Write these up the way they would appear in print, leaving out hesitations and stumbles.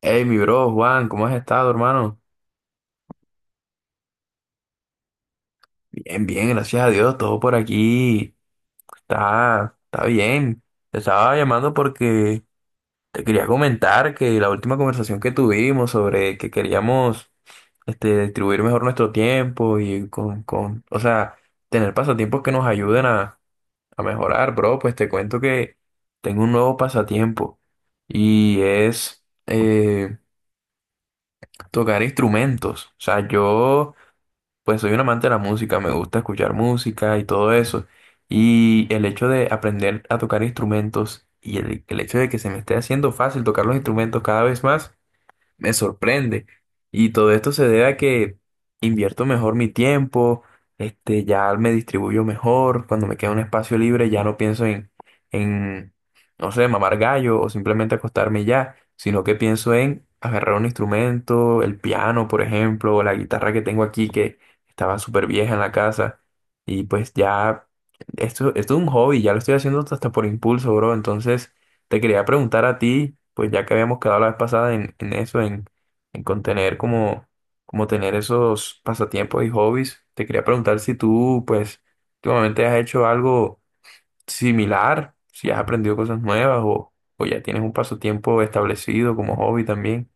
Hey, mi bro, Juan, ¿cómo has estado, hermano? Bien, bien, gracias a Dios, todo por aquí está bien. Te estaba llamando porque te quería comentar que la última conversación que tuvimos sobre que queríamos distribuir mejor nuestro tiempo y o sea, tener pasatiempos que nos ayuden a mejorar, bro, pues te cuento que tengo un nuevo pasatiempo y es tocar instrumentos. O sea, yo pues soy un amante de la música, me gusta escuchar música y todo eso. Y el hecho de aprender a tocar instrumentos y el hecho de que se me esté haciendo fácil tocar los instrumentos cada vez más me sorprende. Y todo esto se debe a que invierto mejor mi tiempo, ya me distribuyo mejor, cuando me queda un espacio libre ya no pienso en, no sé, mamar gallo o simplemente acostarme y ya, sino que pienso en agarrar un instrumento, el piano, por ejemplo, o la guitarra que tengo aquí que estaba súper vieja en la casa. Y pues ya, esto es un hobby, ya lo estoy haciendo hasta por impulso, bro, entonces te quería preguntar a ti, pues ya que habíamos quedado la vez pasada en contener como, como tener esos pasatiempos y hobbies, te quería preguntar si tú, pues, últimamente has hecho algo similar, si has aprendido cosas nuevas o ya tienes un pasatiempo establecido como hobby también.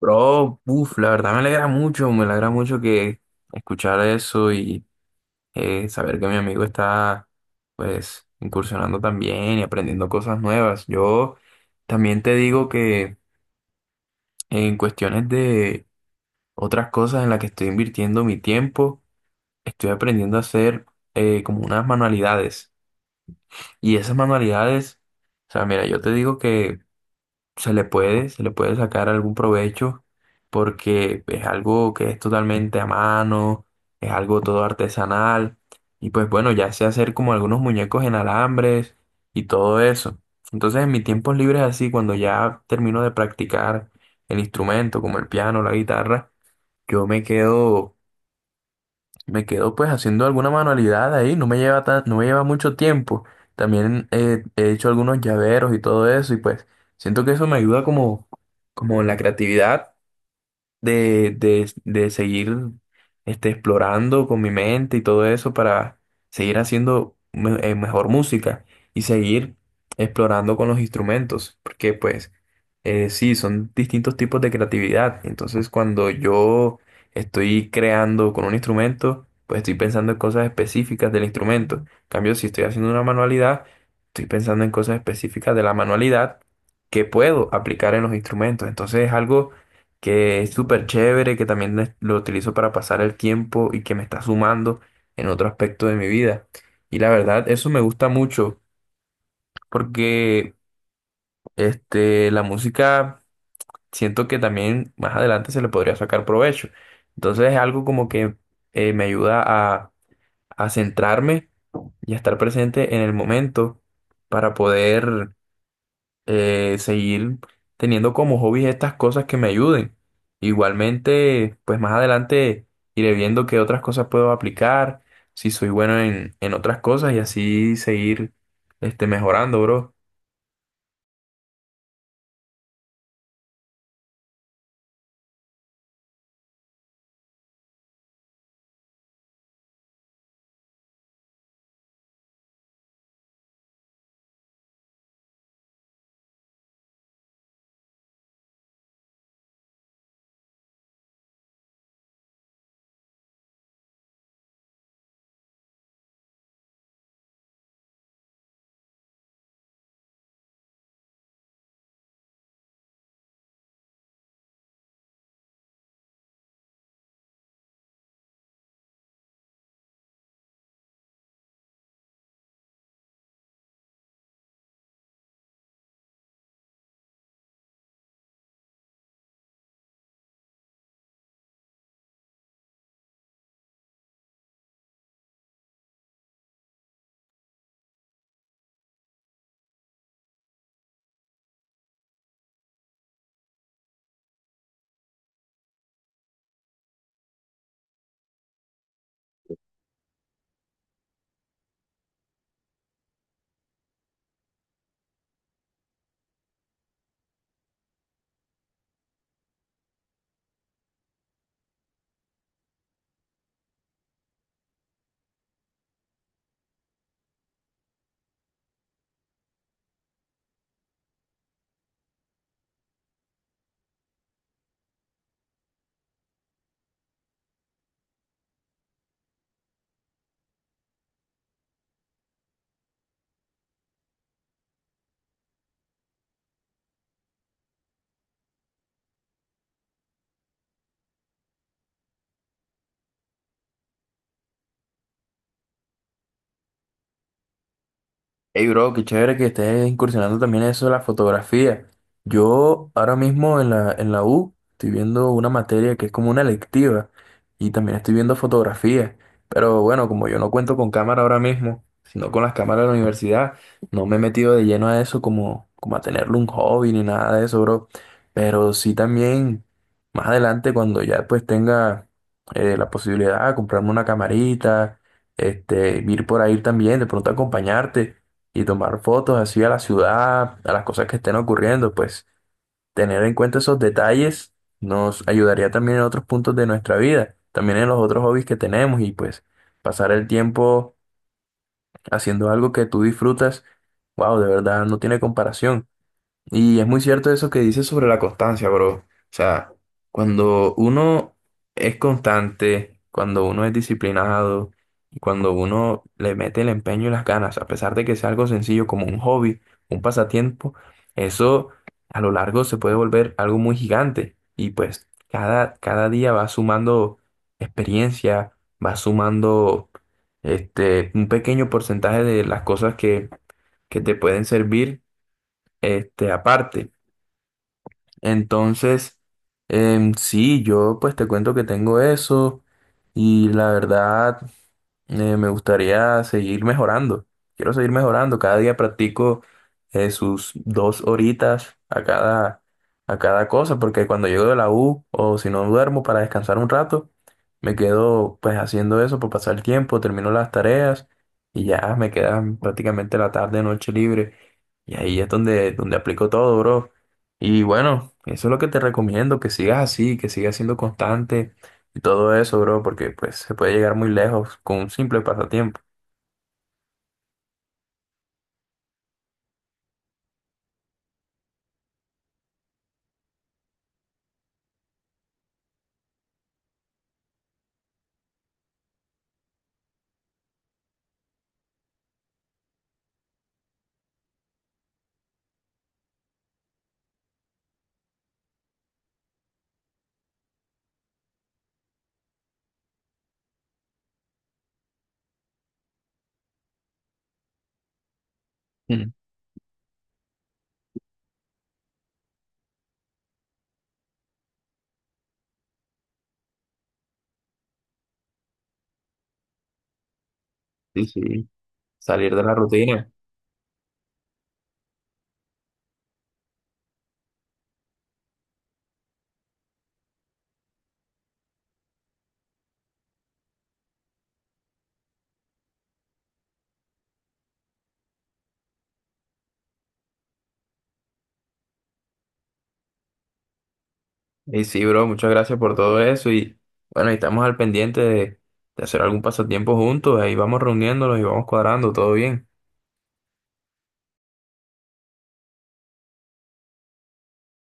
Bro, uff, la verdad me alegra mucho que escuchar eso saber que mi amigo está pues incursionando también y aprendiendo cosas nuevas. Yo también te digo que en cuestiones de otras cosas en las que estoy invirtiendo mi tiempo, estoy aprendiendo a hacer como unas manualidades. Y esas manualidades, o sea, mira, yo te digo que se le puede sacar algún provecho porque es algo que es totalmente a mano, es algo todo artesanal y pues bueno, ya sé hacer como algunos muñecos en alambres y todo eso. Entonces en mis tiempos libres así, cuando ya termino de practicar el instrumento como el piano, la guitarra, yo me quedo pues haciendo alguna manualidad ahí, no me lleva mucho tiempo. También he hecho algunos llaveros y todo eso y pues siento que eso me ayuda como, como en la creatividad de seguir explorando con mi mente y todo eso para seguir haciendo mejor música y seguir explorando con los instrumentos, porque pues sí, son distintos tipos de creatividad. Entonces cuando yo estoy creando con un instrumento, pues estoy pensando en cosas específicas del instrumento. En cambio, si estoy haciendo una manualidad, estoy pensando en cosas específicas de la manualidad que puedo aplicar en los instrumentos. Entonces es algo que es súper chévere, que también lo utilizo para pasar el tiempo y que me está sumando en otro aspecto de mi vida. Y la verdad, eso me gusta mucho porque la música siento que también más adelante se le podría sacar provecho. Entonces es algo como que me ayuda a centrarme y a estar presente en el momento para poder seguir teniendo como hobbies estas cosas que me ayuden. Igualmente, pues más adelante iré viendo qué otras cosas puedo aplicar, si soy bueno en otras cosas y así seguir mejorando, bro. Hey bro, qué chévere que estés incursionando también en eso de la fotografía. Yo ahora mismo en en la U estoy viendo una materia que es como una electiva y también estoy viendo fotografía. Pero bueno, como yo no cuento con cámara ahora mismo, sino con las cámaras de la universidad, no me he metido de lleno a eso como, como a tenerlo un hobby ni nada de eso, bro. Pero sí también más adelante cuando ya pues tenga la posibilidad de comprarme una camarita, ir por ahí también, de pronto acompañarte y tomar fotos así a la ciudad, a las cosas que estén ocurriendo, pues tener en cuenta esos detalles nos ayudaría también en otros puntos de nuestra vida, también en los otros hobbies que tenemos y pues pasar el tiempo haciendo algo que tú disfrutas, wow, de verdad no tiene comparación. Y es muy cierto eso que dices sobre la constancia, bro. O sea, cuando uno es constante, cuando uno es disciplinado y cuando uno le mete el empeño y las ganas, a pesar de que sea algo sencillo como un hobby, un pasatiempo, eso a lo largo se puede volver algo muy gigante. Y pues cada día va sumando experiencia, va sumando un pequeño porcentaje de las cosas que te pueden servir aparte. Entonces, sí, yo pues te cuento que tengo eso y la verdad me gustaría seguir mejorando. Quiero seguir mejorando. Cada día practico sus 2 horitas a cada cosa, porque cuando llego de la U o si no duermo para descansar un rato, me quedo pues haciendo eso por pasar el tiempo, termino las tareas y ya me queda prácticamente la tarde, noche libre. Y ahí es donde aplico todo, bro. Y bueno, eso es lo que te recomiendo, que sigas así, que sigas siendo constante y todo eso, bro, porque pues se puede llegar muy lejos con un simple pasatiempo. Mm. Sí, sí, salir de la rutina. Y sí, bro, muchas gracias por todo eso. Y bueno, ahí estamos al pendiente de hacer algún pasatiempo juntos. Ahí vamos reuniéndonos y vamos cuadrando, todo bien.